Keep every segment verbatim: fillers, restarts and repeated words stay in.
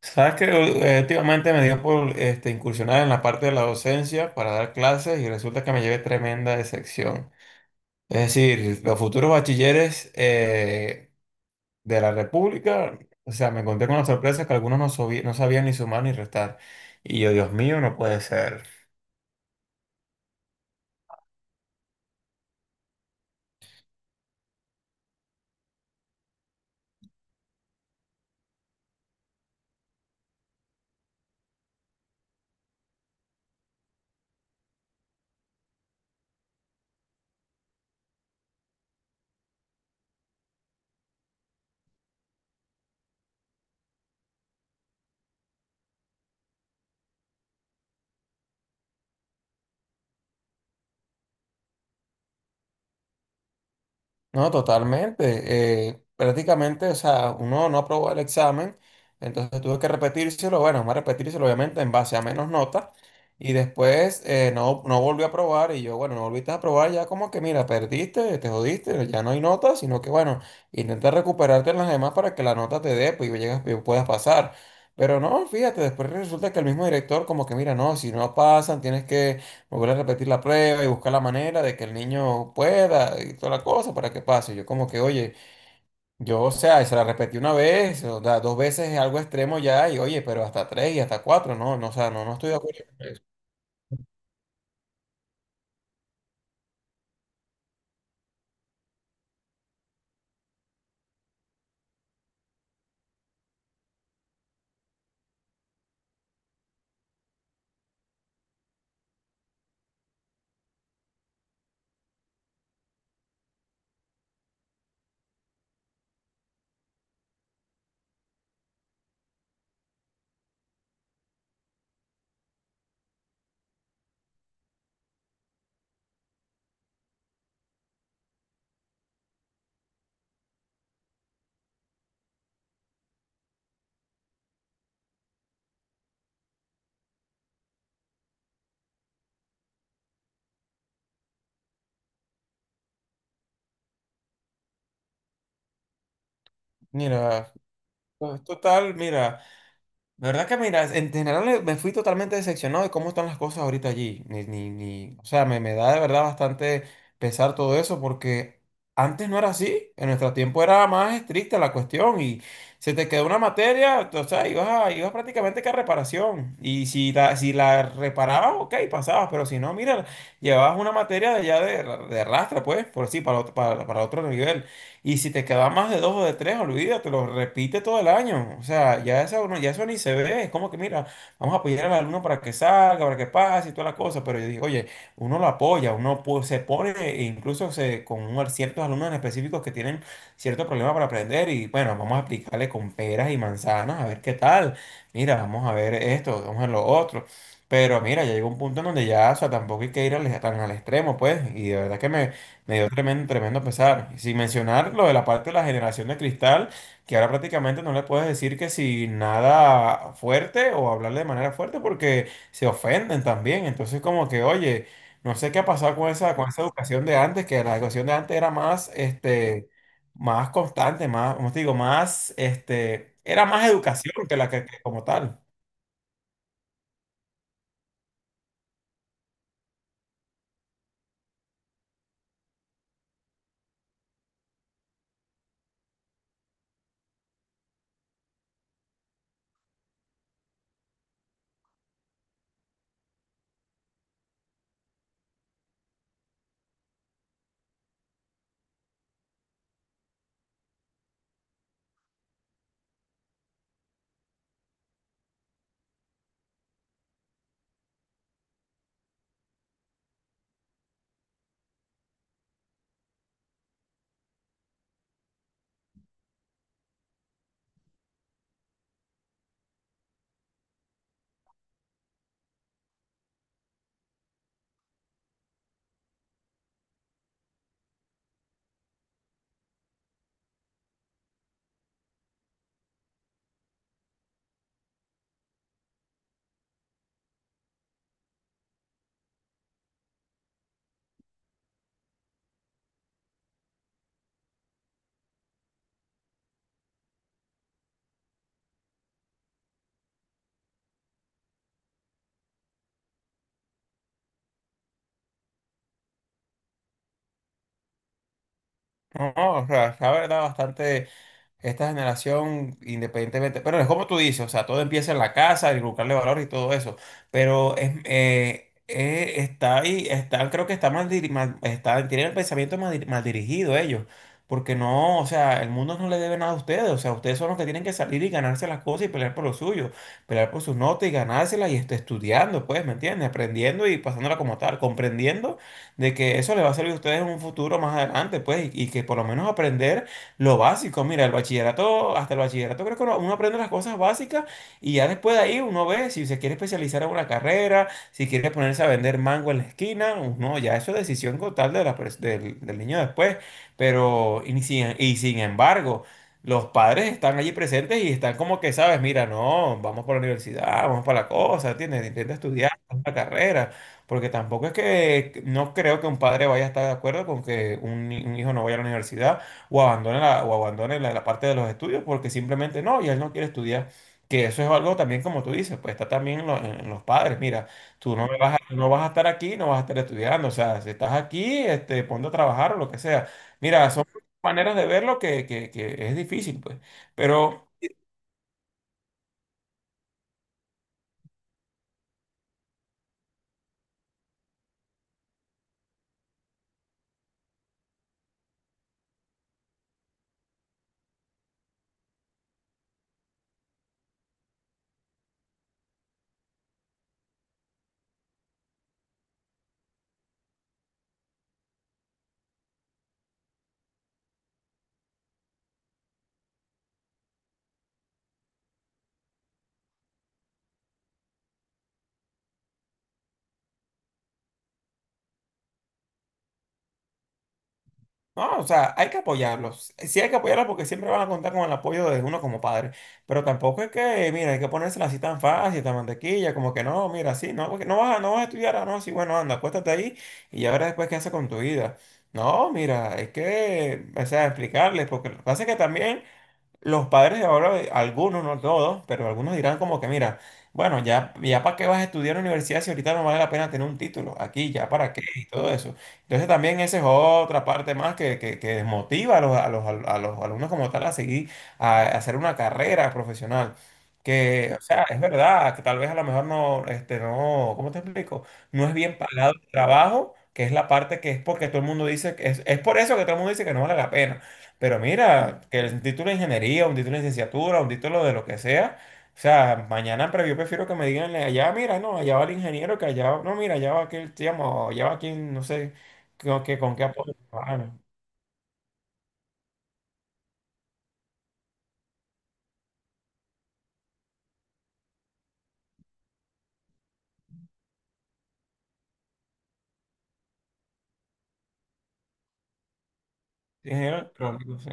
Sabes que eh, últimamente me dio por este, incursionar en la parte de la docencia para dar clases y resulta que me llevé tremenda decepción. Es decir, los futuros bachilleres eh, de la República, o sea, me encontré con la sorpresa que algunos no, sobi- no sabían ni sumar ni restar. Y yo, Dios mío, no puede ser. No, totalmente. Eh, prácticamente, o sea, uno no aprobó el examen, entonces tuve que repetírselo, bueno, más repetírselo obviamente en base a menos notas, y después eh, no, no volví a aprobar, y yo, bueno, no volviste a aprobar, ya como que, mira, perdiste, te jodiste, ya no hay notas, sino que, bueno, intenta recuperarte en las demás para que la nota te dé, pues, y llegas, y puedas pasar. Pero no, fíjate, después resulta que el mismo director como que, mira, no, si no pasan, tienes que volver a repetir la prueba y buscar la manera de que el niño pueda y toda la cosa para que pase. Yo como que, oye, yo, o sea, se la repetí una vez, o sea, dos veces es algo extremo ya, y oye, pero hasta tres y hasta cuatro, no, no, o sea, no, no estoy de acuerdo con eso. Mira, pues, total, mira. De verdad que mira, en general eh, me fui totalmente decepcionado de cómo están las cosas ahorita allí. Ni, ni, ni, o sea, me, me da de verdad bastante pesar todo eso porque antes no era así. En nuestro tiempo era más estricta la cuestión y se te quedó una materia, o sea, ibas, a- ibas prácticamente que a reparación. Y si la, si la reparabas, ok, pasabas, pero si no, mira, llevabas una materia de ya de, de rastra, pues, por así, para, otro- para, para otro nivel. Y si te queda más de dos o de tres, olvídate, lo repite todo el año. O sea, ya eso, no- ya eso ni se ve. Es como que, mira, vamos a apoyar al alumno para que salga, para que pase y toda la cosa. Pero yo digo, oye, uno lo apoya, uno pu- se pone, e incluso se, con un- ciertos alumnos en específicos que tienen cierto problema para aprender. Y bueno, vamos a aplicarle con peras y manzanas, a ver qué tal. Mira, vamos a ver esto, vamos a ver lo otro. Pero mira, ya llegó un punto en donde ya, o sea, tampoco hay que ir al- tan al extremo, pues. Y de verdad que me me dio tremendo, tremendo pesar. Y sin mencionar lo de la parte de la generación de cristal, que ahora prácticamente no le puedes decir que si nada fuerte o hablarle de manera fuerte porque se ofenden también. Entonces como que, oye, no sé qué ha pasado con esa, con esa educación de antes, que la educación de antes era más, este, más constante, más, como te digo, más, este, era más educación que la que, que como tal. No, no, o sea, la verdad, bastante esta generación, independientemente, pero es como tú dices, o sea, todo empieza en la casa, y buscarle valor y todo eso, pero es, eh, eh, está ahí, está, creo que está mal, diri- mal- está, tienen el pensamiento mal, di- mal dirigido ellos, porque no, o sea, el mundo no le debe nada a ustedes, o sea, ustedes son los que tienen que salir y ganarse las cosas y pelear por lo suyo, pelear por sus notas y ganárselas y este, estudiando, pues, ¿me entiendes? Aprendiendo y pasándola como tal, comprendiendo de que eso les va a servir a ustedes en un futuro más adelante, pues, y y que por lo menos aprender lo básico. Mira, el bachillerato, hasta el bachillerato creo que uno uno aprende las cosas básicas y ya después de ahí uno ve si se quiere especializar en una carrera, si quiere ponerse a vender mango en la esquina, pues no, ya eso es decisión total de la pers- del, del niño después. Pero, y sin, y sin embargo, los padres están allí presentes y están como que, sabes, mira, no, vamos para la universidad, vamos para la cosa, ¿entiendes? Intenta estudiar una carrera. Porque tampoco es que no creo que un padre vaya a estar de acuerdo con que un, ni- un hijo no vaya a la universidad o abandone la, o abandone la, la parte de los estudios porque simplemente no, y él no quiere estudiar. Que eso es algo también, como tú dices, pues está también en, lo- en los padres. Mira, tú no me vas a, no vas a estar aquí, no vas a estar estudiando. O sea, si estás aquí, este, ponte a trabajar o lo que sea. Mira, son maneras de verlo que, que, que es difícil, pues. Pero. No, o sea, hay que apoyarlos. Sí hay que apoyarlos porque siempre van a contar con el apoyo de uno como padre. Pero tampoco es que, mira, hay que ponérsela así tan fácil, tan mantequilla, como que no, mira, sí, no, porque no vas a, no vas a estudiar, ah, no, sí, bueno, anda, acuéstate ahí y ya verás después qué haces con tu vida. No, mira, es que, o sea, explicarles, porque lo que pasa es que también los padres de ahora, eh, algunos, no todos, pero algunos dirán como que, mira, bueno, ya, ya para qué vas a estudiar en la universidad si ahorita no vale la pena tener un título aquí, ya para qué y todo eso. Entonces también esa es otra parte más que, que, que desmotiva a los, a los, a los alumnos como tal a seguir, a, a hacer una carrera profesional. Que, o sea, es verdad, que tal vez a lo mejor no, este, no, ¿cómo te explico? No es bien pagado el trabajo, que es la parte que es porque todo el mundo dice, que es, es por eso que todo el mundo dice que no vale la pena. Pero mira, que el título de ingeniería, un título de licenciatura, un título de lo que sea, o sea, mañana, pero yo prefiero que me digan allá, mira, no, allá va el ingeniero, que allá, no, mira, allá va aquel, digamos, allá va quien, no sé, con, que, con qué apoyo. Trabajan. Ingeniero, electrónico, sí.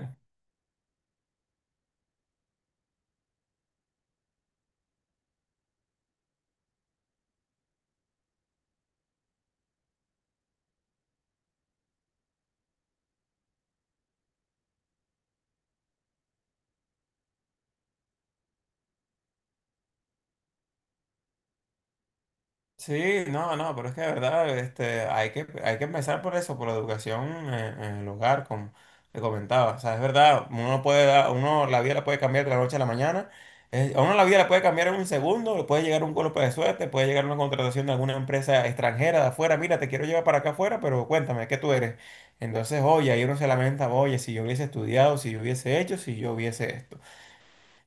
Sí, no, no, pero es que de verdad este, hay que, hay que empezar por eso, por la educación en, en el hogar, como te comentaba. O sea, es verdad, uno puede dar, uno la vida la puede cambiar de la noche a la mañana. Eh, a uno la vida la puede cambiar en un segundo, le puede llegar un golpe de suerte, puede llegar una contratación de alguna empresa extranjera de afuera. Mira, te quiero llevar para acá afuera, pero cuéntame, ¿qué tú eres? Entonces, oye, ahí uno se lamenta, oye, si yo hubiese estudiado, si yo hubiese hecho, si yo hubiese esto.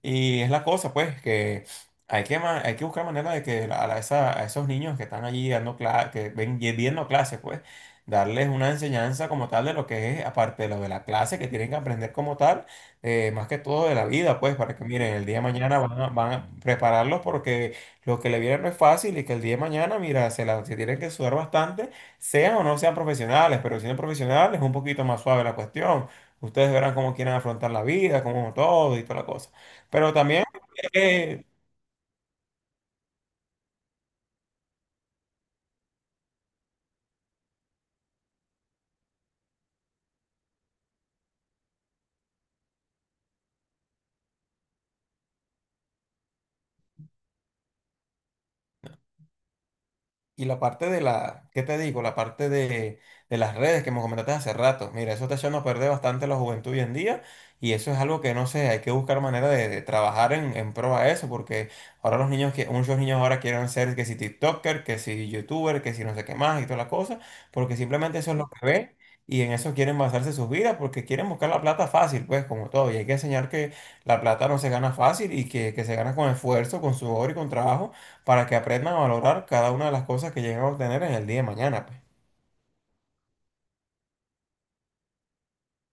Y es la cosa, pues, que hay que, ma- hay que buscar manera de que a, la- esa- a esos niños que están allí dando clases, que ven y viendo clases, pues, darles una enseñanza como tal de lo que es, aparte de lo de la clase, que tienen que aprender como tal, eh, más que todo de la vida, pues, para que miren, el día de mañana van a, van a prepararlos porque lo que le viene no es fácil y que el día de mañana, mira, se, la, se tienen que sudar bastante, sean o no sean profesionales, pero si son profesionales es un poquito más suave la cuestión. Ustedes verán cómo quieren afrontar la vida, cómo todo y toda la cosa. Pero también, eh, y la parte de la, ¿qué te digo? La parte de, de las redes que me comentaste hace rato. Mira, eso está echando a perder bastante la juventud hoy en día y eso es algo que no sé, hay que buscar manera de, de trabajar en, en pro a eso porque ahora los niños, que, muchos niños ahora quieren ser que si TikToker, que si YouTuber, que si no sé qué más y toda la cosa, porque simplemente eso es lo que ven. Y en eso quieren basarse sus vidas porque quieren buscar la plata fácil, pues como todo. Y hay que enseñar que la plata no se gana fácil y que, que se gana con esfuerzo, con sudor y con trabajo para que aprendan a valorar cada una de las cosas que lleguen a obtener en el día de mañana, pues.